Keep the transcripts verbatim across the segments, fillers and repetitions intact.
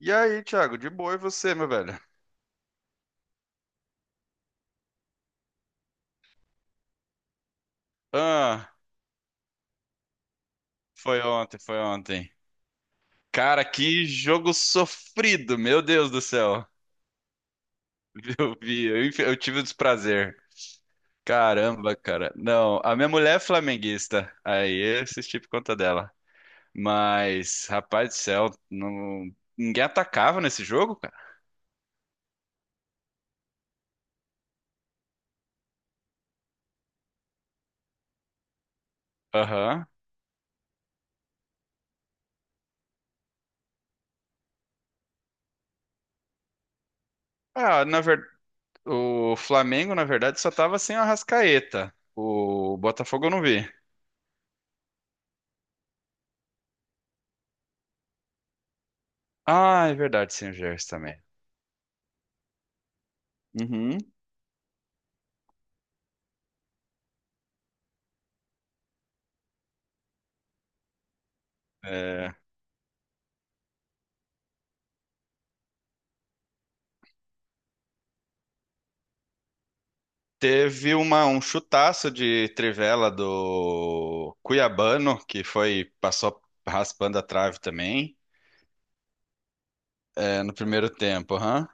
E aí, Thiago, de boa e você, meu velho? Ah, foi ontem, foi ontem. Cara, que jogo sofrido, meu Deus do céu. Eu vi, eu, inf- eu tive o desprazer. Caramba, cara. Não, a minha mulher é flamenguista. Aí eu assisti por conta dela. Mas, rapaz do céu, não- ninguém atacava nesse jogo, cara. Aham. Ah, na verdade, o Flamengo, na verdade, só tava sem o Arrascaeta. O Botafogo eu não vi. Ah, é verdade, sem o Gerson também. Uhum. É. Teve uma, um chutaço de trivela do Cuiabano, que foi, passou raspando a trave também, é, no primeiro tempo. Aham.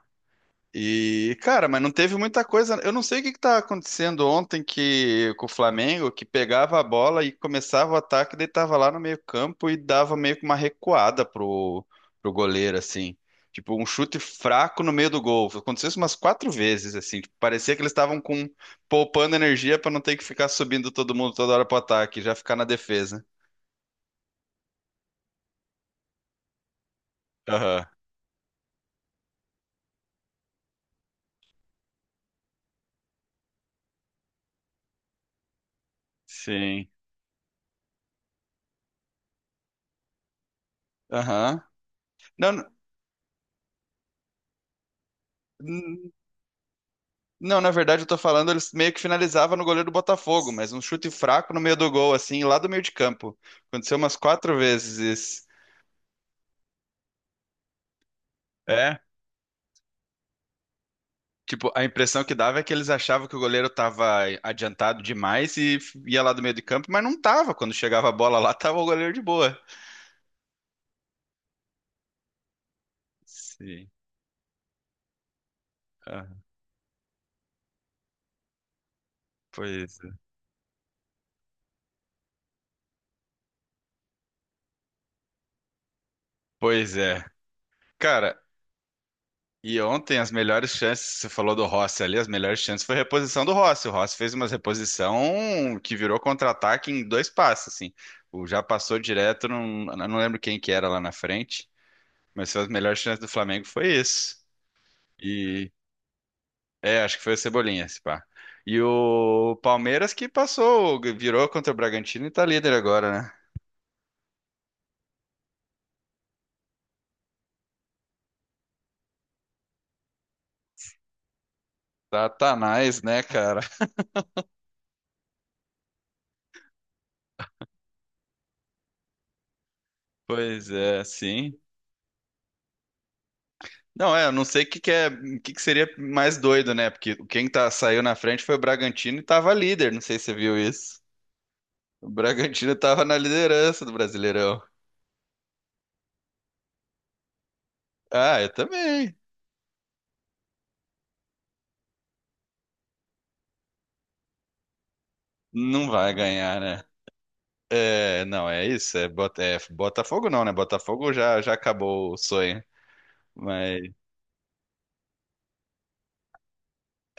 E, cara, mas não teve muita coisa. Eu não sei o que que tá acontecendo ontem que com o Flamengo, que pegava a bola e começava o ataque, daí tava lá no meio-campo e dava meio que uma recuada pro, pro goleiro, assim. Tipo, um chute fraco no meio do gol. Aconteceu isso umas quatro vezes, assim. Tipo, parecia que eles estavam com poupando energia pra não ter que ficar subindo todo mundo toda hora pro ataque, já ficar na defesa. Aham. Sim. Aham. Não, não. Não, na verdade, eu tô falando, eles meio que finalizava no goleiro do Botafogo, mas um chute fraco no meio do gol, assim, lá do meio de campo. Aconteceu umas quatro vezes isso. É, tipo, a impressão que dava é que eles achavam que o goleiro tava adiantado demais e f- ia lá do meio de campo, mas não tava. Quando chegava a bola lá, tava o goleiro de boa. Sim. Ah, pois é. Pois é. Cara, e ontem as melhores chances, você falou do Rossi ali, as melhores chances foi a reposição do Rossi. O Rossi fez uma reposição que virou contra-ataque em dois passos, assim. O já passou direto, não, não lembro quem que era lá na frente, mas foi as melhores chances do Flamengo foi isso. E é, acho que foi o Cebolinha, esse pá. E o Palmeiras que passou, virou contra o Bragantino e tá líder agora, né? Satanás, né, cara? Pois é, sim. Não, é, eu não sei o que que é, o que que seria mais doido, né? Porque quem tá, saiu na frente foi o Bragantino e tava líder, não sei se você viu isso. O Bragantino tava na liderança do Brasileirão. Ah, eu também. Não vai ganhar, né? É, não, é isso, é, Bota- é Botafogo não, né? Botafogo já, já acabou o sonho, mas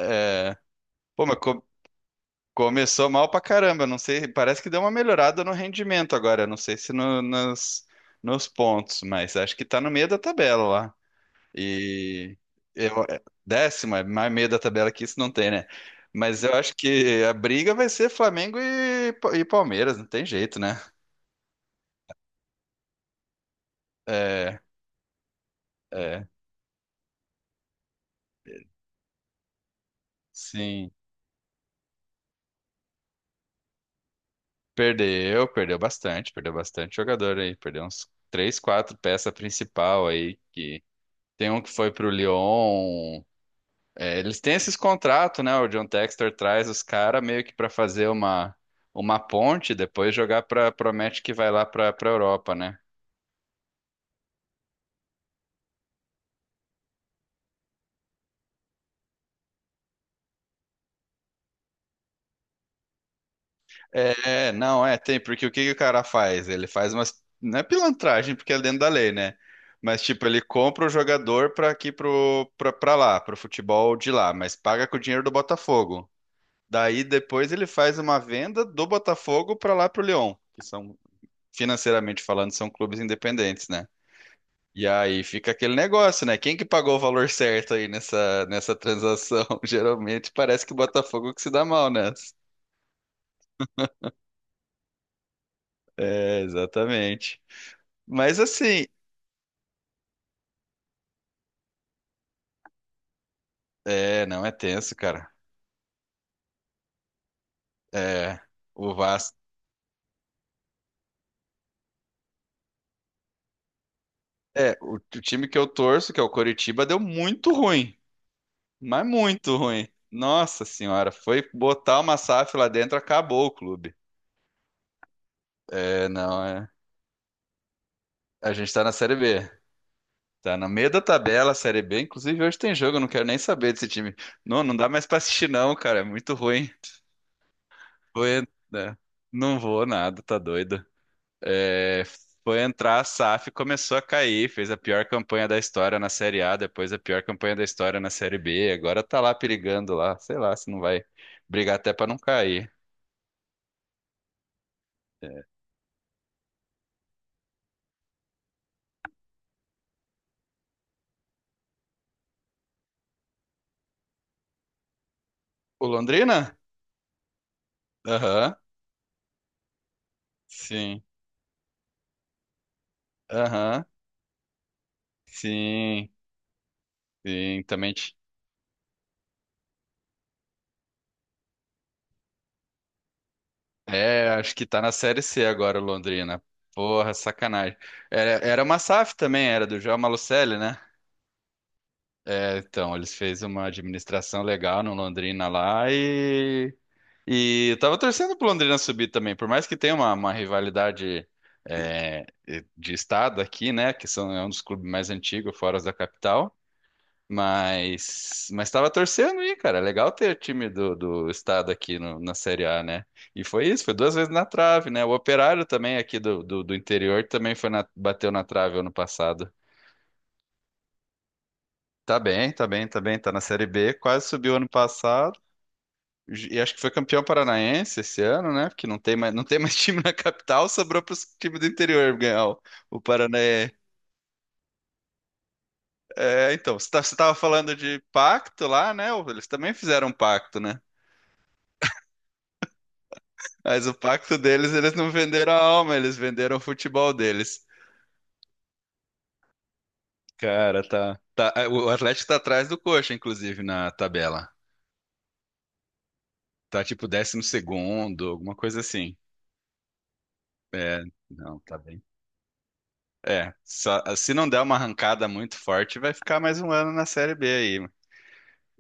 é, pô, mas co- começou mal pra caramba, não sei, parece que deu uma melhorada no rendimento agora, não sei se no- nas- nos pontos, mas acho que tá no meio da tabela. E eu, é, décimo, é mais meio da tabela que isso não tem, né? Mas eu acho que a briga vai ser Flamengo e, Pa- e Palmeiras, não tem jeito, né? É, é, sim. Perdeu, perdeu bastante, perdeu bastante jogador aí, perdeu uns três, quatro peças principal aí, que tem um que foi pro Lyon, é, eles têm esses contratos, né? O John Textor traz os caras meio que pra fazer uma, uma ponte, depois jogar pra, promete que vai lá pra, pra Europa, né? É, não, é, tem, porque o que que o cara faz? Ele faz umas, não é pilantragem, porque é dentro da lei, né? Mas, tipo, ele compra o jogador pra aqui pro, pra, pra lá, pro futebol de lá, mas paga com o dinheiro do Botafogo. Daí depois ele faz uma venda do Botafogo pra lá pro Lyon, que são, financeiramente falando, são clubes independentes, né? E aí fica aquele negócio, né? Quem que pagou o valor certo aí nessa, nessa transação? Geralmente parece que o Botafogo que se dá mal nessa. É, exatamente. Mas assim, é, não é tenso, cara. É, o Vasco. É, o, o time que eu torço, que é o Coritiba, deu muito ruim. Mas muito ruim. Nossa senhora, foi botar uma SAF lá dentro, acabou o clube. É, não, é. A gente tá na Série B. Tá no meio da tabela, Série B. Inclusive, hoje tem jogo, eu não quero nem saber desse time. Não, não dá mais pra assistir, não, cara. É muito ruim. Foi, né? Não vou nada, tá doido. É, foi entrar a SAF, começou a cair, fez a pior campanha da história na Série A, depois a pior campanha da história na Série B, agora tá lá perigando lá, sei lá se não vai brigar até pra não cair. É, o Londrina? Aham, sim, aham, sim, sim, também. ti- É, acho que tá na Série C agora o Londrina. Porra, sacanagem. Era, era uma SAF também, era do João Malucelli, né? É, então, eles fez uma administração legal no Londrina lá. E eu tava torcendo pro Londrina subir também, por mais que tenha uma, uma rivalidade é, de estado aqui, né? Que são, é um dos clubes mais antigos, fora os da capital. Mas, mas tava torcendo aí, cara. É legal ter time do, do estado aqui no- na Série A, né? E foi isso, foi duas vezes na trave, né? O Operário também aqui do, do, do interior também foi na- bateu na trave ano passado. Tá bem, tá bem, tá bem. Tá na Série B, quase subiu ano passado. E acho que foi campeão paranaense esse ano, né? Porque não tem mais, não tem mais time na capital, sobrou para os times do interior ganhar o, o Paranaense. É, então, você estava falando de pacto lá, né? Eles também fizeram um pacto, né? Mas o pacto deles, eles não venderam a alma, eles venderam o futebol deles. Cara, tá, tá. É, o Atlético tá atrás do Coxa, inclusive, na tabela. Tá tipo décimo segundo, alguma coisa assim. É, não, tá bem. É, só- se não der uma arrancada muito forte, vai ficar mais um ano na Série B aí.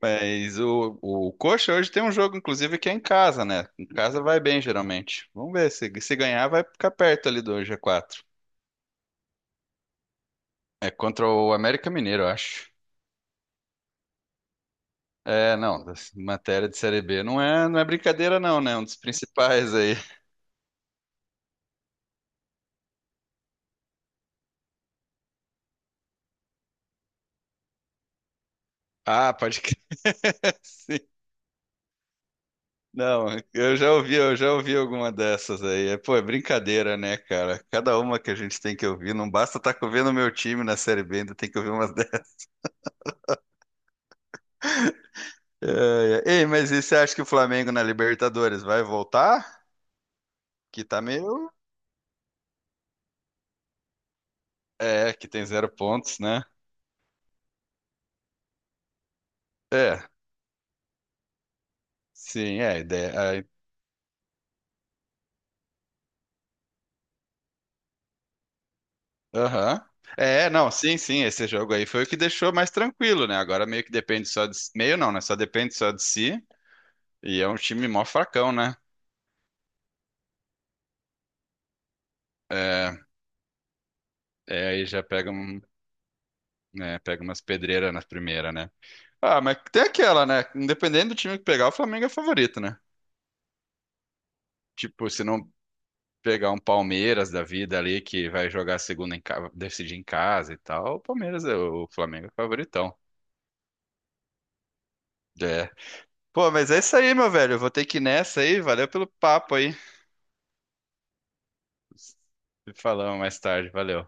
Mas o, o Coxa hoje tem um jogo, inclusive, que é em casa, né? Em casa vai bem, geralmente. Vamos ver, se, se ganhar, vai ficar perto ali do G quatro. É contra o América Mineiro, eu acho. É, não, das- matéria de Série B não é, não é brincadeira, não, né? Um dos principais aí. Ah, pode crer. Sim. Não, eu já ouvi, eu já ouvi alguma dessas aí. É, pô, é brincadeira, né, cara? Cada uma que a gente tem que ouvir, não basta estar vendo o meu time na Série B, ainda tem que ouvir umas dessas. É, é. Ei, mas e você acha que o Flamengo na Libertadores vai voltar? Que tá meio. É, que tem zero pontos, né? É, sim, é, a ideia. a- Aham. É, não, sim, sim, esse jogo aí foi o que deixou mais tranquilo, né? Agora meio que depende só de. Meio não, né? Só depende só de si. E é um time mó fracão, né? É, é aí já pega um. Né? Pega umas pedreiras na primeira, né? Ah, mas tem aquela, né? Independente do time que pegar, o Flamengo é favorito, né? Tipo, se não pegar um Palmeiras da vida ali que vai jogar a segunda em casa, decidir em casa e tal, o Palmeiras é o Flamengo é favoritão. É. Pô, mas é isso aí, meu velho. Eu vou ter que ir nessa aí. Valeu pelo papo aí. Se falamos mais tarde. Valeu.